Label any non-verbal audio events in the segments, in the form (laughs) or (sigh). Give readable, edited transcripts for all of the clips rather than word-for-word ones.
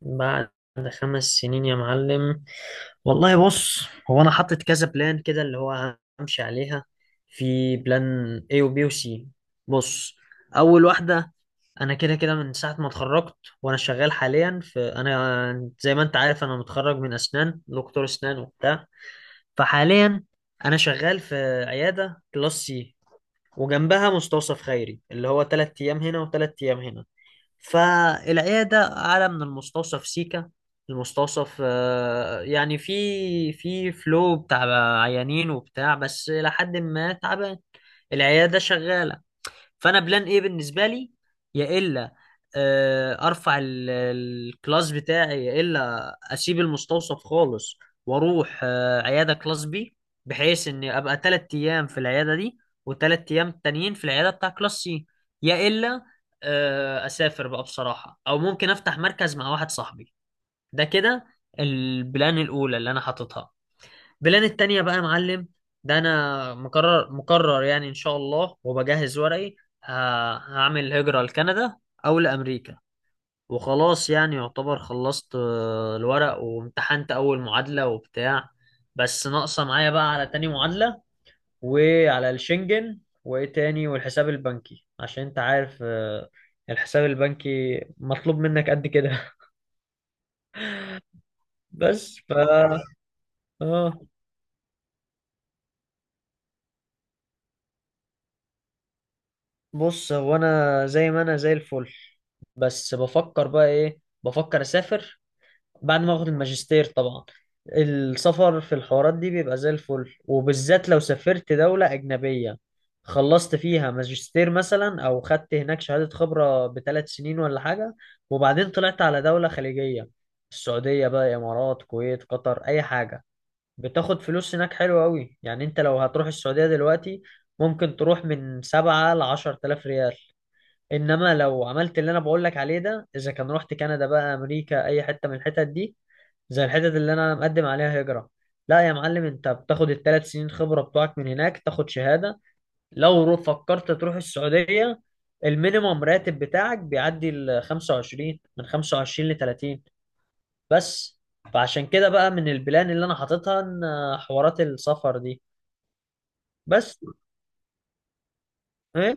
بعد خمس سنين يا معلم. والله بص. هو انا حاطط كذا بلان كده اللي هو همشي عليها. في بلان A و B و C. بص. اول واحده، انا كده كده من ساعه ما اتخرجت وانا شغال حاليا في، انا زي ما انت عارف، انا متخرج من اسنان، دكتور اسنان وبتاع. فحاليا انا شغال في عياده كلاس سي وجنبها مستوصف خيري اللي هو تلات ايام هنا وتلات ايام هنا. فالعيادة أعلى من المستوصف سيكا. المستوصف يعني في فلو بتاع عيانين وبتاع بس إلى حد ما تعبان. العيادة شغالة. فانا بلان ايه بالنسبه لي يا الا؟ ارفع الكلاس بتاعي، يا الا اسيب المستوصف خالص واروح عياده كلاس بي، بحيث اني ابقى تلات ايام في العياده دي وتلات ايام تانيين في العياده بتاع كلاس سي. يا الا اسافر بقى بصراحه، او ممكن افتح مركز مع واحد صاحبي. ده كده البلان الاولى اللي انا حاططها. بلان التانية بقى يا معلم، ده انا مقرر يعني ان شاء الله وبجهز ورقي. ه- هعمل هجرة لكندا او لامريكا. وخلاص يعني يعتبر خلصت الورق وامتحنت اول معادلة وبتاع. بس ناقصة معايا بقى على تاني معادلة وعلى الشنجن وايه تاني والحساب البنكي، عشان انت عارف الحساب البنكي مطلوب منك قد كده. (laughs) بس ف. اه، بص. هو انا زي ما انا زي الفل. بس بفكر بقى ايه، بفكر اسافر بعد ما اخد الماجستير طبعا. السفر في الحوارات دي بيبقى زي الفل، وبالذات لو سافرت دولة أجنبية خلصت فيها ماجستير مثلا أو خدت هناك شهادة خبرة بثلاث سنين ولا حاجة وبعدين طلعت على دولة خليجية. السعودية بقى، إمارات، كويت، قطر، أي حاجة. بتاخد فلوس هناك حلوة أوي. يعني أنت لو هتروح السعودية دلوقتي، ممكن تروح من سبعة لعشر تلاف ريال. انما لو عملت اللي انا بقول لك عليه ده، اذا كان رحت كندا بقى، امريكا، اي حته من الحتت دي، زي الحتت اللي انا مقدم عليها هجره، لا يا معلم، انت بتاخد الثلاث سنين خبره بتوعك من هناك، تاخد شهاده. لو فكرت تروح السعوديه، المينيموم راتب بتاعك بيعدي ال 25، من 25 ل 30. بس. فعشان كده بقى من البلان اللي انا حاططها ان حوارات السفر دي. بس ايه.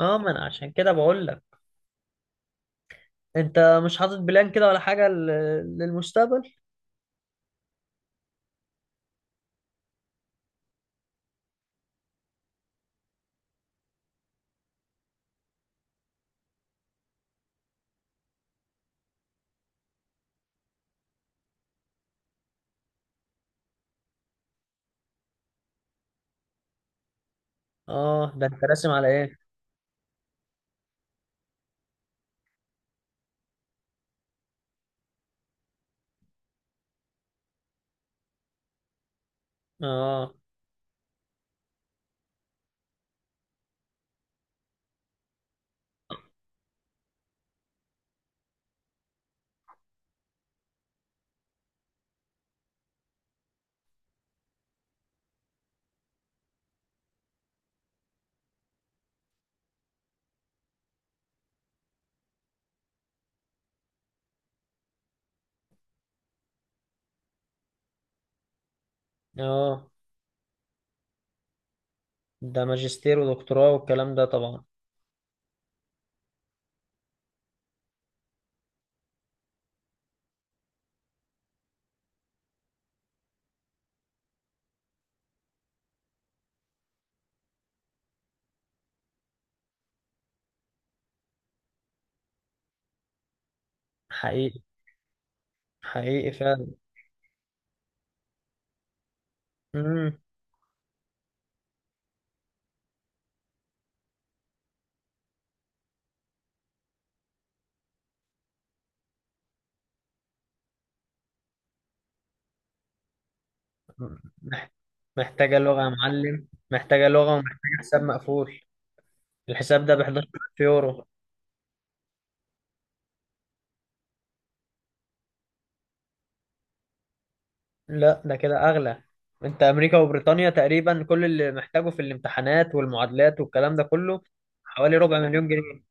اه ما انا عشان كده بقول لك، انت مش حاطط بلان كده ولا حاجه للمستقبل. اه، ده انت راسم على ايه؟ اه. اه، ده ماجستير ودكتوراه والكلام ده طبعا. حقيقي، حقيقي فعلا. مم. مح- محتاجة لغة يا معلم، محتاجة لغة ومحتاجة حساب مقفول. الحساب ده ب 11,000 يورو. لا ده كده أغلى. أنت أمريكا وبريطانيا تقريبا كل اللي محتاجه في الامتحانات والمعادلات والكلام ده كله حوالي ربع مليون جنيه.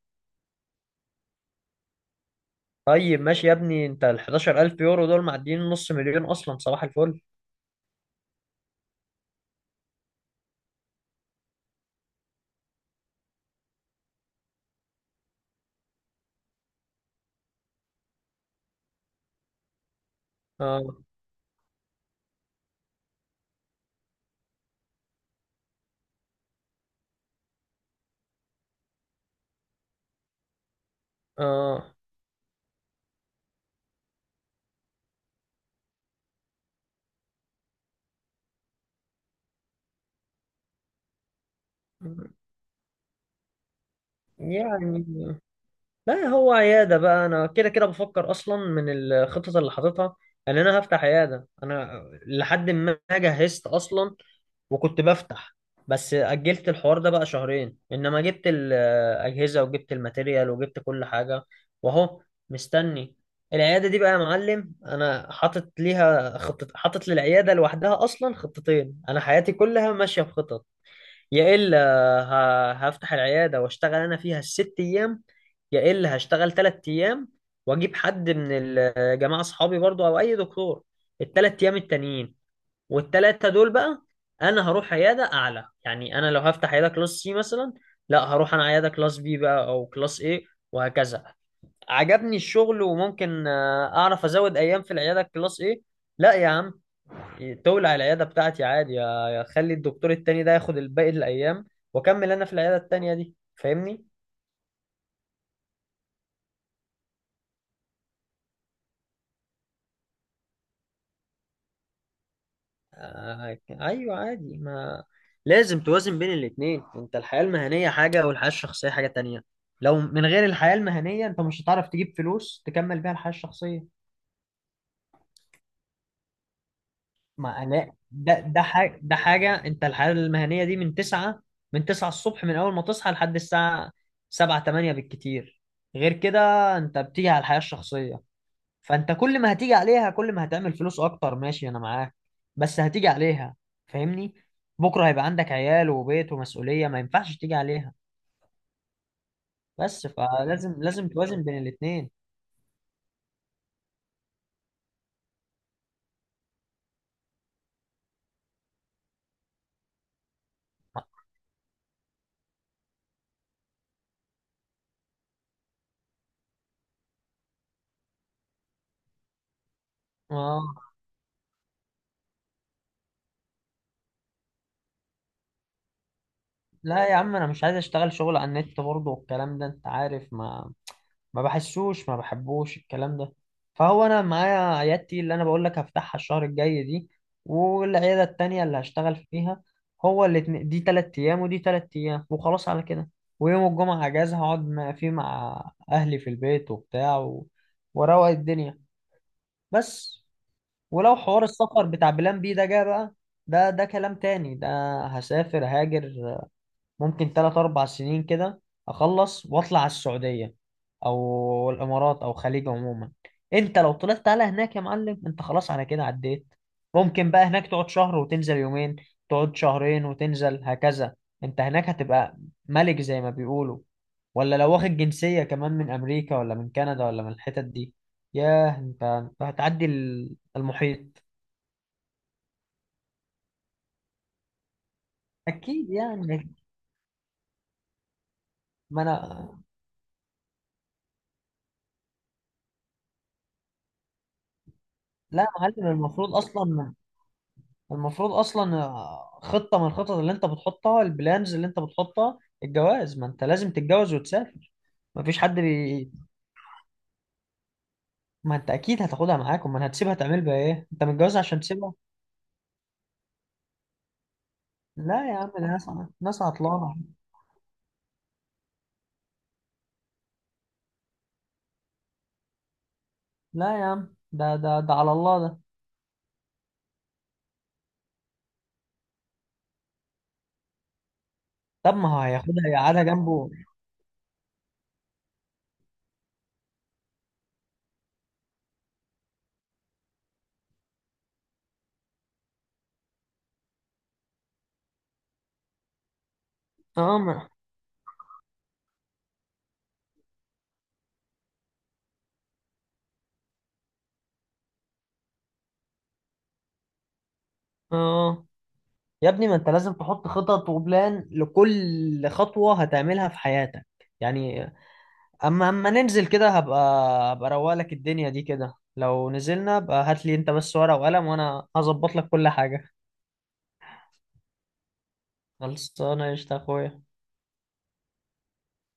طيب ماشي يا ابني، أنت ال 11,000 يورو دول معديين نص مليون أصلا. صباح الفل. اه. اه. يعني لا، هو عيادة بقى. أنا كده كده بفكر أصلا من الخطط اللي حاططها إن أنا هفتح عيادة. أنا لحد ما جهزت أصلا وكنت بفتح، بس أجلت الحوار ده بقى شهرين، إنما جبت الأجهزة وجبت الماتيريال وجبت كل حاجة. وأهو مستني. العيادة دي بقى يا معلم، أنا حاطط ليها خطة، حاطط للعيادة لوحدها أصلا خطتين، أنا حياتي كلها ماشية بخطط. يا إلا هفتح العيادة واشتغل أنا فيها الست أيام. يا إلا هشتغل تلات أيام وأجيب حد من الجماعة أصحابي برضو أو أي دكتور التلات أيام التانيين. والتلاتة دول بقى، أنا هروح عيادة أعلى. يعني أنا لو هفتح عيادة كلاس سي مثلا، لا، هروح أنا عيادة كلاس بي بقى أو كلاس إيه وهكذا. عجبني الشغل وممكن أعرف أزود أيام في العيادة كلاس إيه. لا يا عم، تولع العيادة بتاعتي عادي، يا خلي الدكتور التاني ده ياخد الباقي الأيام وأكمل أنا في العيادة التانية دي. فاهمني؟ آه أيوه عادي. ما لازم توازن بين الاتنين. أنت الحياة المهنية حاجة والحياة الشخصية حاجة تانية. لو من غير الحياة المهنية أنت مش هتعرف تجيب فلوس تكمل بيها الحياة الشخصية. ما لا، ده حاجة، ده حاجة. أنت الحياة المهنية دي من تسعة، من تسعة الصبح، من أول ما تصحى لحد الساعة سبعة تمانية بالكتير. غير كده أنت بتيجي على الحياة الشخصية. فانت كل ما هتيجي عليها كل ما هتعمل فلوس اكتر، ماشي انا معاك. بس هتيجي عليها. فاهمني. بكره هيبقى عندك عيال وبيت ومسؤوليه، ما ينفعش تيجي عليها. بس فلازم، لازم توازن بين الاتنين. اه. لا يا عم، انا مش عايز اشتغل شغل على النت برضه والكلام ده، انت عارف. ما بحسوش، ما بحبوش الكلام ده. فهو انا معايا عيادتي اللي انا بقول لك هفتحها الشهر الجاي دي، والعياده التانيه اللي هشتغل فيها. هو الاتنين، دي تلات ايام ودي تلات ايام وخلاص على كده. ويوم الجمعه اجازه هقعد فيه مع اهلي في البيت وبتاع واروق الدنيا. بس. ولو حوار السفر بتاع بلان بي ده جه بقى، ده ده كلام تاني ده. هسافر هاجر ممكن تلات أربع سنين كده، أخلص وأطلع على السعودية أو الإمارات أو خليج عموما. أنت لو طلعت على هناك يا معلم، أنت خلاص على كده عديت. ممكن بقى هناك تقعد شهر وتنزل يومين، تقعد شهرين وتنزل هكذا. أنت هناك هتبقى ملك زي ما بيقولوا. ولا لو واخد جنسية كمان من أمريكا ولا من كندا ولا من الحتت دي، ياه، أنت هتعدي المحيط. أكيد يعني. ما أنا. لا يا معلم، المفروض أصلا، المفروض اصلا خطه من الخطط اللي انت بتحطها، البلانز اللي انت بتحطها، الجواز. ما انت لازم تتجوز وتسافر. ما فيش حد ما انت اكيد هتاخدها معاك، امال هتسيبها تعمل بيها ايه؟ انت متجوز عشان تسيبها؟ لا يا عم، ده ناس، ناس عطلانه. لا يا عم، ده على الله ده. طب ما هو هياخدها يقعدها جنبه. اه ما- اه، يا ابني، ما انت لازم تحط خطط وبلان لكل خطوه هتعملها في حياتك، يعني. اما ننزل كده، هبقى، اروق لك الدنيا دي كده. لو نزلنا بقى، هات لي انت بس ورقة وقلم وانا هظبط لك كل حاجة. خلصانه قشطة يا اخويا.